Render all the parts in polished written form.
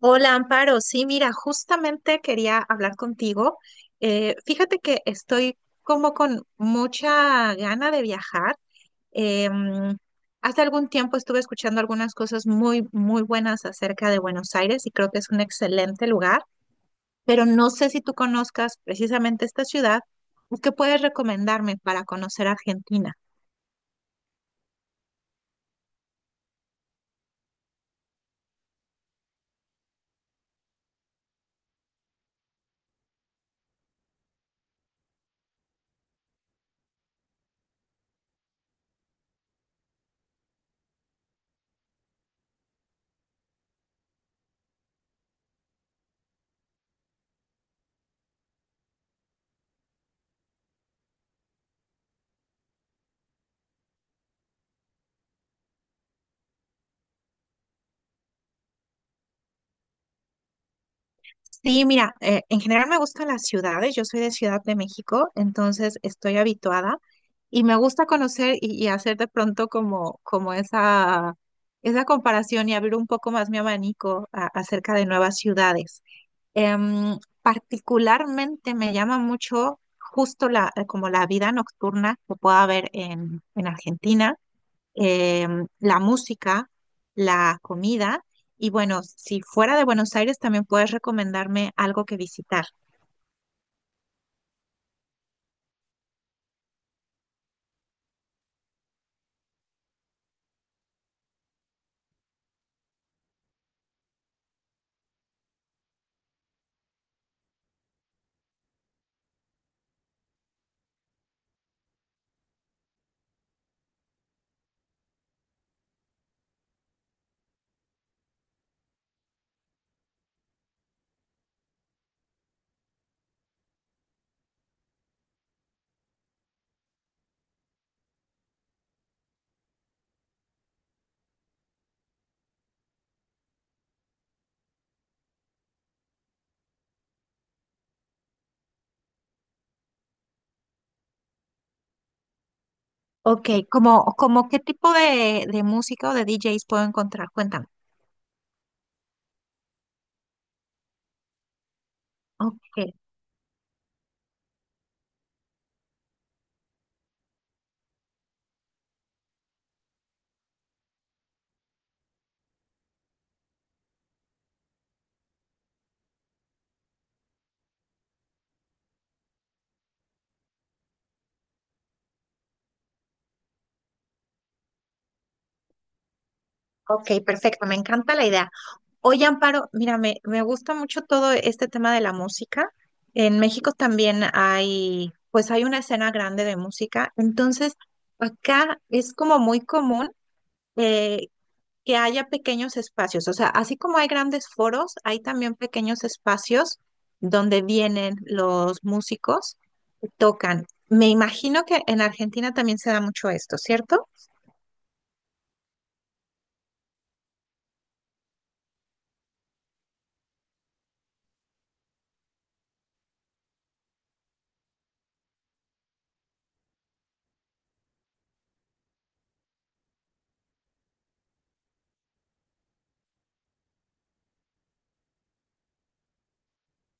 Hola, Amparo. Sí, mira, justamente quería hablar contigo. Fíjate que estoy como con mucha gana de viajar. Eh, mm, Hace algún tiempo estuve escuchando algunas cosas muy, muy buenas acerca de Buenos Aires y creo que es un excelente lugar, pero no sé si tú conozcas precisamente esta ciudad. ¿Qué puedes recomendarme para conocer Argentina? Sí, mira, en general me gustan las ciudades, yo soy de Ciudad de México, entonces estoy habituada y me gusta conocer y hacer de pronto como esa, esa comparación y abrir un poco más mi abanico acerca de nuevas ciudades. Em, Particularmente me llama mucho justo la, como la vida nocturna que pueda haber en Argentina, eh, la música, la comida y bueno, si fuera de Buenos Aires también puedes recomendarme algo que visitar. Ok, como qué tipo de música o de DJs puedo encontrar? Cuéntame. Ok, ok, perfecto, me encanta la idea. Oye, Amparo, mira, me gusta mucho todo este tema de la música. En México también hay, pues hay una escena grande de música. Entonces, acá es como muy común, eh, que haya pequeños espacios. O sea, así como hay grandes foros, hay también pequeños espacios donde vienen los músicos y tocan. Me imagino que en Argentina también se da mucho esto, ¿cierto?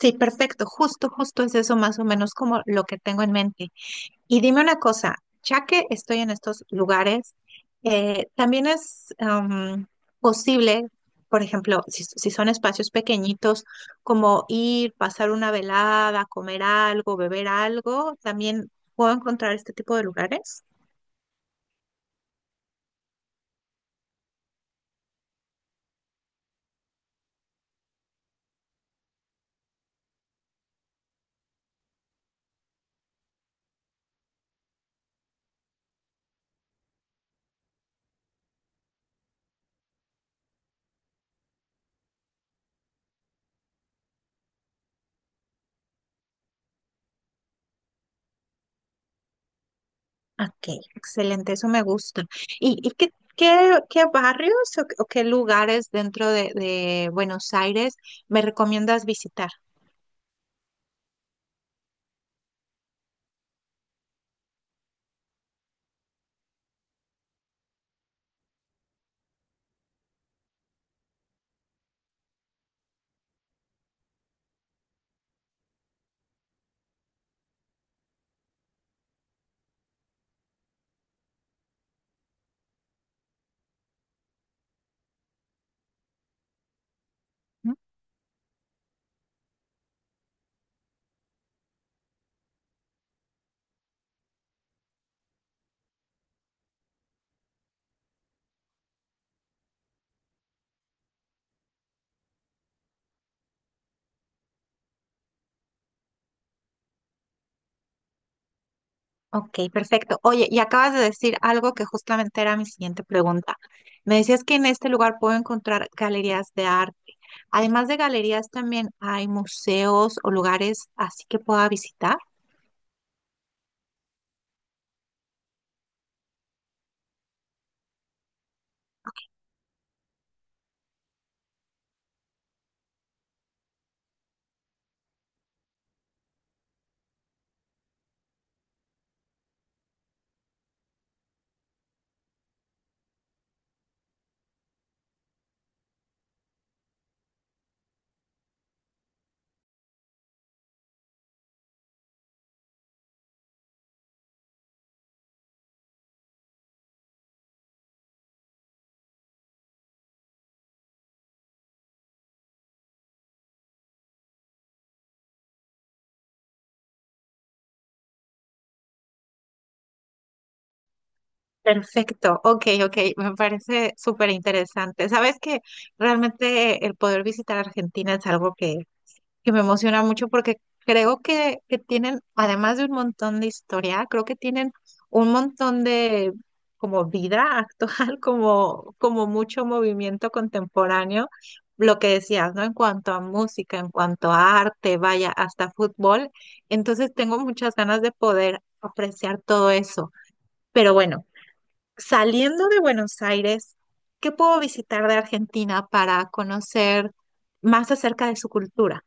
Sí, perfecto. Justo, justo es eso más o menos como lo que tengo en mente. Y dime una cosa, ya que estoy en estos lugares, también es posible, por ejemplo, si son espacios pequeñitos, como ir, pasar una velada, comer algo, beber algo, también puedo encontrar este tipo de lugares. Ok, excelente, eso me gusta. ¿Y qué barrios o qué lugares dentro de Buenos Aires me recomiendas visitar? Ok, perfecto. Oye, y acabas de decir algo que justamente era mi siguiente pregunta. Me decías que en este lugar puedo encontrar galerías de arte. Además de galerías, también hay museos o lugares así que pueda visitar. Perfecto, ok, ok, me parece súper interesante. Sabes que realmente el poder visitar Argentina es algo que me emociona mucho porque creo que tienen, además de un montón de historia, creo que tienen un montón de como vida actual, como, como mucho movimiento contemporáneo, lo que decías, ¿no? En cuanto a música, en cuanto a arte, vaya, hasta fútbol. Entonces tengo muchas ganas de poder apreciar todo eso. Pero bueno, saliendo de Buenos Aires, ¿qué puedo visitar de Argentina para conocer más acerca de su cultura?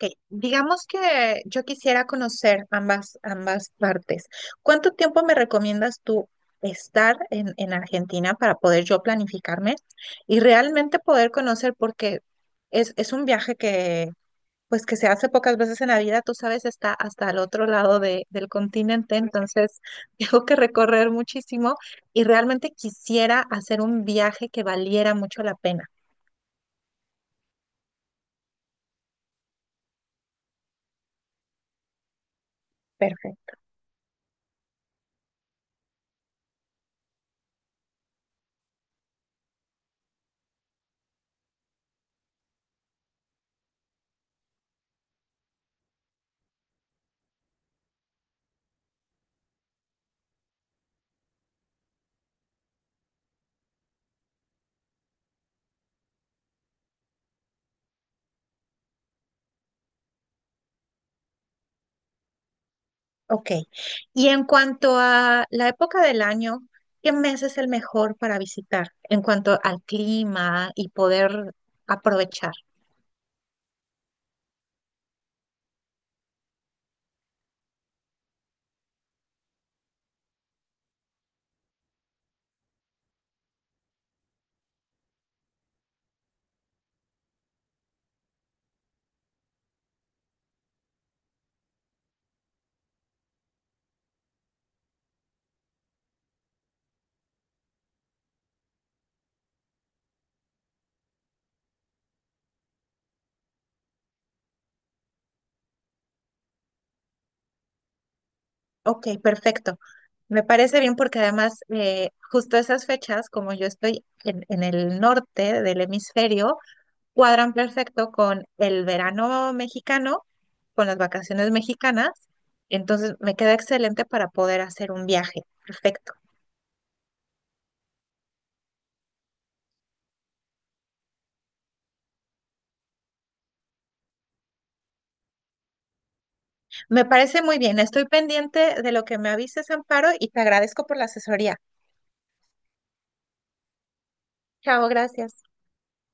Ok, digamos que yo quisiera conocer ambas, ambas partes. ¿Cuánto tiempo me recomiendas tú estar en Argentina para poder yo planificarme y realmente poder conocer? Porque es un viaje que, pues, que se hace pocas veces en la vida. Tú sabes, está hasta el otro lado del continente, entonces tengo que recorrer muchísimo y realmente quisiera hacer un viaje que valiera mucho la pena. Perfecto. Ok. Y en cuanto a la época del año, ¿qué mes es el mejor para visitar en cuanto al clima y poder aprovechar? Ok, perfecto. Me parece bien porque además justo esas fechas, como yo estoy en el norte del hemisferio, cuadran perfecto con el verano mexicano, con las vacaciones mexicanas. Entonces me queda excelente para poder hacer un viaje. Perfecto. Me parece muy bien. Estoy pendiente de lo que me avises, Amparo, y te agradezco por la asesoría. Chao, gracias.